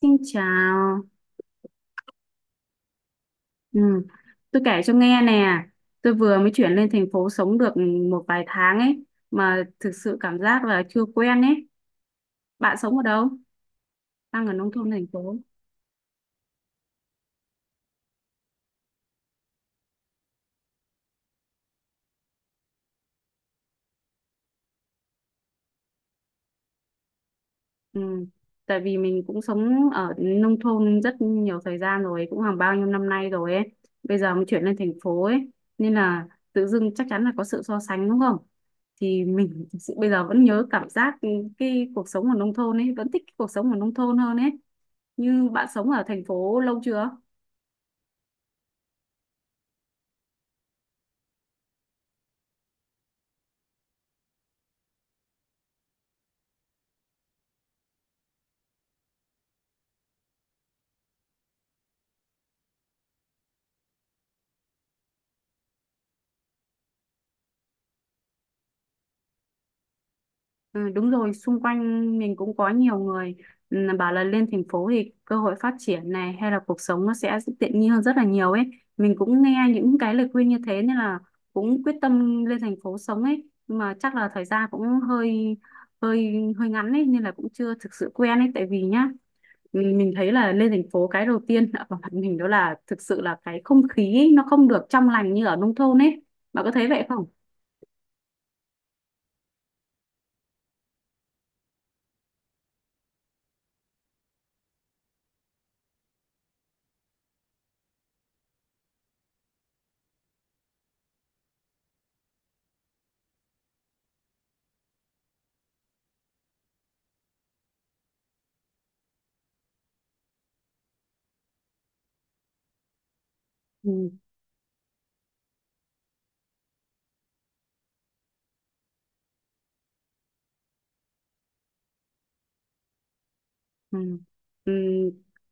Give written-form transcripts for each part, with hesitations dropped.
Xin chào. Ừ. Tôi kể cho nghe nè. Tôi vừa mới chuyển lên thành phố sống được một vài tháng ấy mà thực sự cảm giác là chưa quen ấy. Bạn sống ở đâu? Đang ở nông thôn thành phố. Ừ. Tại vì mình cũng sống ở nông thôn rất nhiều thời gian rồi, cũng hàng bao nhiêu năm nay rồi ấy. Bây giờ mới chuyển lên thành phố ấy nên là tự dưng chắc chắn là có sự so sánh đúng không? Thì mình thực sự bây giờ vẫn nhớ cảm giác cái cuộc sống ở nông thôn ấy, vẫn thích cái cuộc sống ở nông thôn hơn ấy. Như bạn sống ở thành phố lâu chưa? Ừ, đúng rồi, xung quanh mình cũng có nhiều người, ừ, bảo là lên thành phố thì cơ hội phát triển này hay là cuộc sống nó sẽ tiện nghi hơn rất là nhiều ấy. Mình cũng nghe những cái lời khuyên như thế nên là cũng quyết tâm lên thành phố sống ấy. Nhưng mà chắc là thời gian cũng hơi hơi hơi ngắn ấy nên là cũng chưa thực sự quen ấy. Tại vì nhá, mình thấy là lên thành phố cái đầu tiên ở mặt mình đó là thực sự là cái không khí ấy, nó không được trong lành như ở nông thôn ấy. Bạn có thấy vậy không? Ừ. Ừ. Ừ.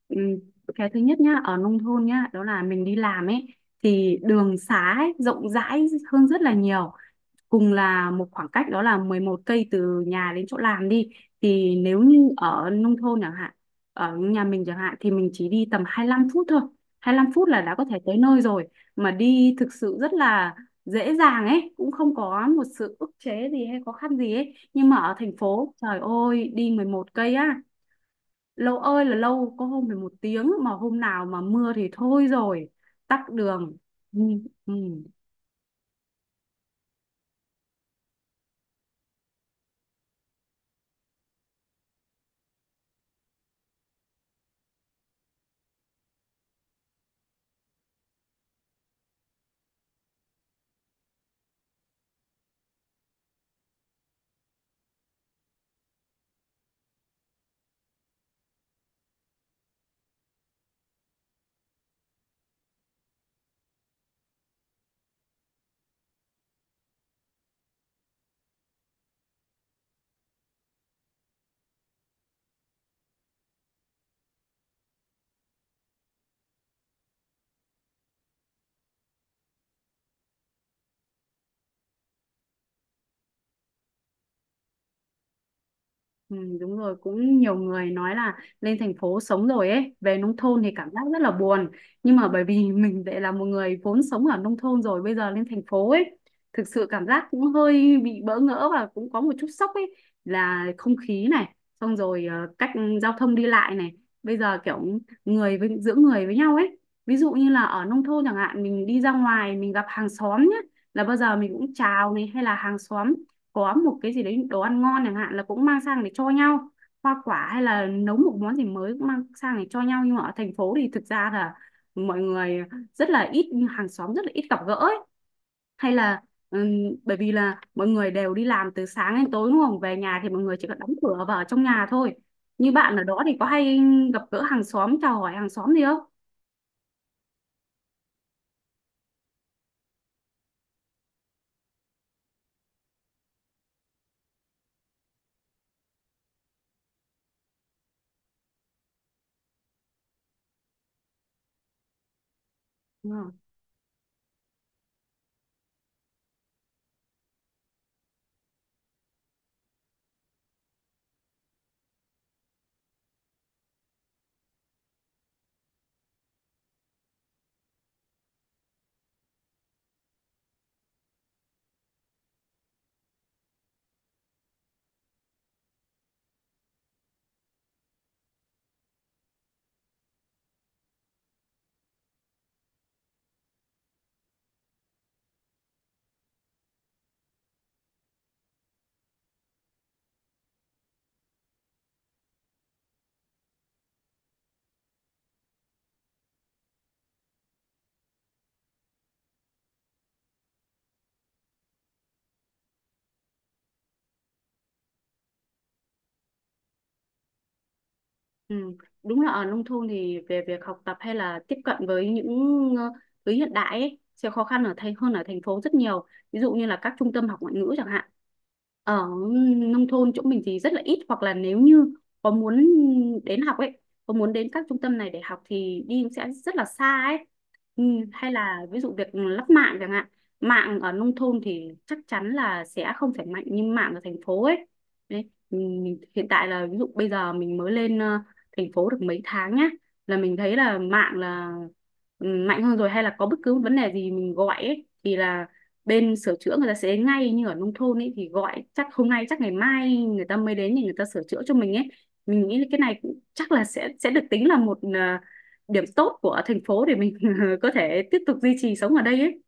Ừ. Cái thứ nhất nhá, ở nông thôn nhá đó là mình đi làm ấy thì đường xá ấy, rộng rãi hơn rất là nhiều. Cùng là một khoảng cách đó là 11 cây từ nhà đến chỗ làm đi, thì nếu như ở nông thôn chẳng hạn, ở nhà mình chẳng hạn thì mình chỉ đi tầm 25 phút thôi, 25 phút là đã có thể tới nơi rồi, mà đi thực sự rất là dễ dàng ấy, cũng không có một sự ức chế gì hay khó khăn gì ấy. Nhưng mà ở thành phố trời ơi đi 11 cây á, lâu ơi là lâu, có hôm phải một tiếng, mà hôm nào mà mưa thì thôi rồi, tắc đường. Ừ. Ừ. Ừ, đúng rồi, cũng nhiều người nói là lên thành phố sống rồi ấy về nông thôn thì cảm giác rất là buồn, nhưng mà bởi vì mình lại là một người vốn sống ở nông thôn rồi bây giờ lên thành phố ấy, thực sự cảm giác cũng hơi bị bỡ ngỡ và cũng có một chút sốc ấy. Là không khí này, xong rồi cách giao thông đi lại này, bây giờ kiểu người với giữa người với nhau ấy. Ví dụ như là ở nông thôn chẳng hạn mình đi ra ngoài mình gặp hàng xóm nhé, là bao giờ mình cũng chào này, hay là hàng xóm có một cái gì đấy đồ ăn ngon chẳng hạn là cũng mang sang để cho nhau, hoa quả hay là nấu một món gì mới cũng mang sang để cho nhau. Nhưng mà ở thành phố thì thực ra là mọi người rất là ít, hàng xóm rất là ít gặp gỡ ấy. Hay là ừm, bởi vì là mọi người đều đi làm từ sáng đến tối đúng không, về nhà thì mọi người chỉ cần đóng cửa vào trong nhà thôi. Như bạn ở đó thì có hay gặp gỡ hàng xóm, chào hỏi hàng xóm gì không? Ừ. Ừ. Đúng là ở nông thôn thì về việc học tập hay là tiếp cận với những ờ, thứ hiện đại ấy, sẽ khó khăn ở thành hơn ở thành phố rất nhiều. Ví dụ như là các trung tâm học ngoại ngữ chẳng hạn. Ở nông thôn chỗ mình thì rất là ít, hoặc là nếu như có muốn đến học ấy, có muốn đến các trung tâm này để học thì đi cũng sẽ rất là xa ấy. Ừ. Hay là ví dụ việc lắp mạng chẳng hạn. Mạng ở nông thôn thì chắc chắn là sẽ không phải mạnh như mạng ở thành phố ấy. Đấy. Ừ, mình hiện tại là ví dụ bây giờ mình mới lên thành phố được mấy tháng nhá, là mình thấy là mạng mạnh hơn rồi, hay là có bất cứ vấn đề gì mình gọi ấy, thì là bên sửa chữa người ta sẽ đến ngay. Như ở nông thôn ấy thì gọi chắc hôm nay chắc ngày mai người ta mới đến thì người ta sửa chữa cho mình ấy. Mình nghĩ cái này cũng chắc là sẽ được tính là một điểm tốt của thành phố để mình có thể tiếp tục duy trì sống ở đây ấy.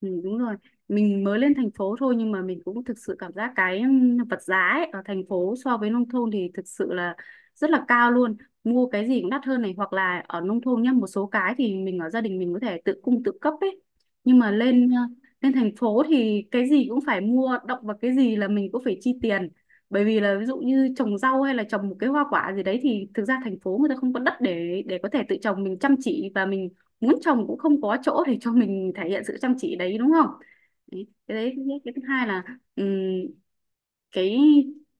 Ừ, đúng rồi, mình mới lên thành phố thôi nhưng mà mình cũng thực sự cảm giác cái vật giá ấy, ở thành phố so với nông thôn thì thực sự là rất là cao luôn. Mua cái gì cũng đắt hơn này, hoặc là ở nông thôn nhá một số cái thì mình ở gia đình mình có thể tự cung tự cấp ấy, nhưng mà lên thành phố thì cái gì cũng phải mua, động vào cái gì là mình cũng phải chi tiền. Bởi vì là ví dụ như trồng rau hay là trồng một cái hoa quả gì đấy thì thực ra thành phố người ta không có đất để có thể tự trồng, mình chăm chỉ và mình muốn chồng cũng không có chỗ để cho mình thể hiện sự chăm chỉ đấy, đúng không? Đấy, cái đấy. Cái thứ hai là, ừm, cái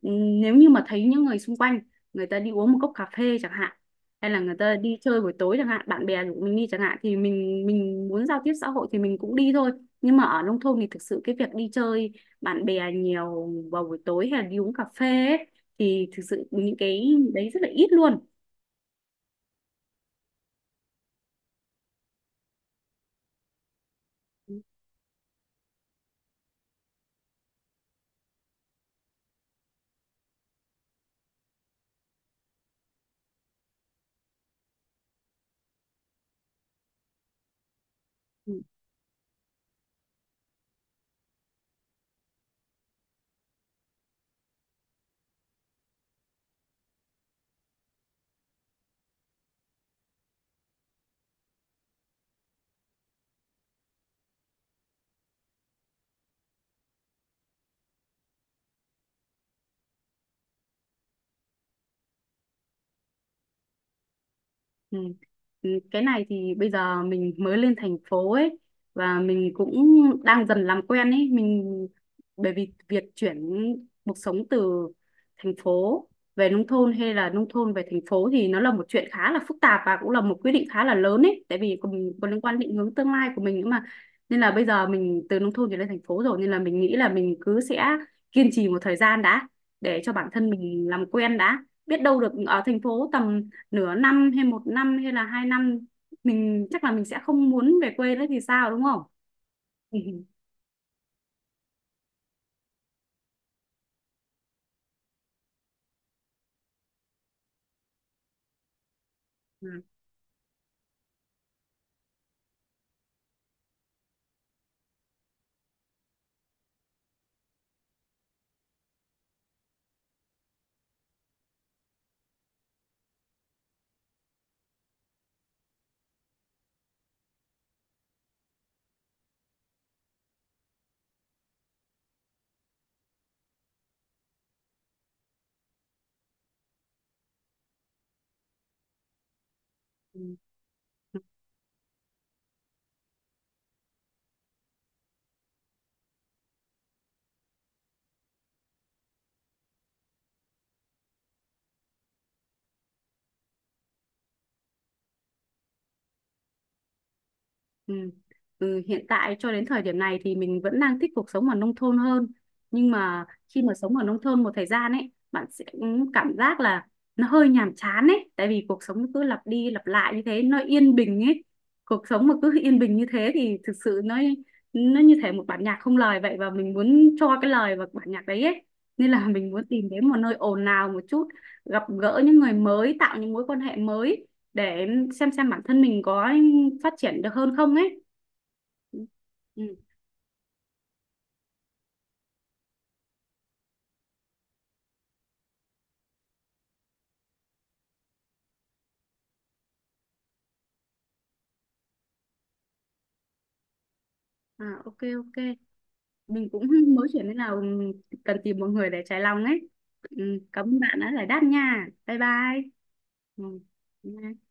nếu như mà thấy những người xung quanh người ta đi uống một cốc cà phê chẳng hạn, hay là người ta đi chơi buổi tối chẳng hạn, bạn bè của mình đi chẳng hạn, thì mình muốn giao tiếp xã hội thì mình cũng đi thôi. Nhưng mà ở nông thôn thì thực sự cái việc đi chơi bạn bè nhiều vào buổi tối hay là đi uống cà phê ấy, thì thực sự những cái đấy rất là ít luôn. Ừ. Ừ. Ừ, cái này thì bây giờ mình mới lên thành phố ấy và mình cũng đang dần làm quen ấy. Mình bởi vì việc chuyển cuộc sống từ thành phố về nông thôn hay là nông thôn về thành phố thì nó là một chuyện khá là phức tạp và cũng là một quyết định khá là lớn ấy, tại vì còn liên quan định hướng tương lai của mình nữa mà. Nên là bây giờ mình từ nông thôn chuyển lên thành phố rồi nên là mình nghĩ là mình cứ sẽ kiên trì một thời gian đã, để cho bản thân mình làm quen đã. Biết đâu được ở thành phố tầm nửa năm hay một năm hay là 2 năm, mình chắc là mình sẽ không muốn về quê nữa thì sao, đúng không? Ừ. Ừ. Ừ, hiện tại cho đến thời điểm này thì mình vẫn đang thích cuộc sống ở nông thôn hơn. Nhưng mà khi mà sống ở nông thôn một thời gian ấy bạn sẽ cảm giác là nó hơi nhàm chán ấy, tại vì cuộc sống nó cứ lặp đi lặp lại như thế, nó yên bình ấy. Cuộc sống mà cứ yên bình như thế thì thực sự nó như thể một bản nhạc không lời vậy, và mình muốn cho cái lời vào bản nhạc đấy ấy. Nên là mình muốn tìm đến một nơi ồn ào một chút, gặp gỡ những người mới, tạo những mối quan hệ mới, để xem bản thân mình có phát triển được hơn không ấy. Ừ. Ừ. À, ok ok, mình cũng mới chuyển nên là cần tìm một người để trái lòng ấy. Ừ. Cảm ơn bạn đã giải đáp nha, bye bye. Ừ.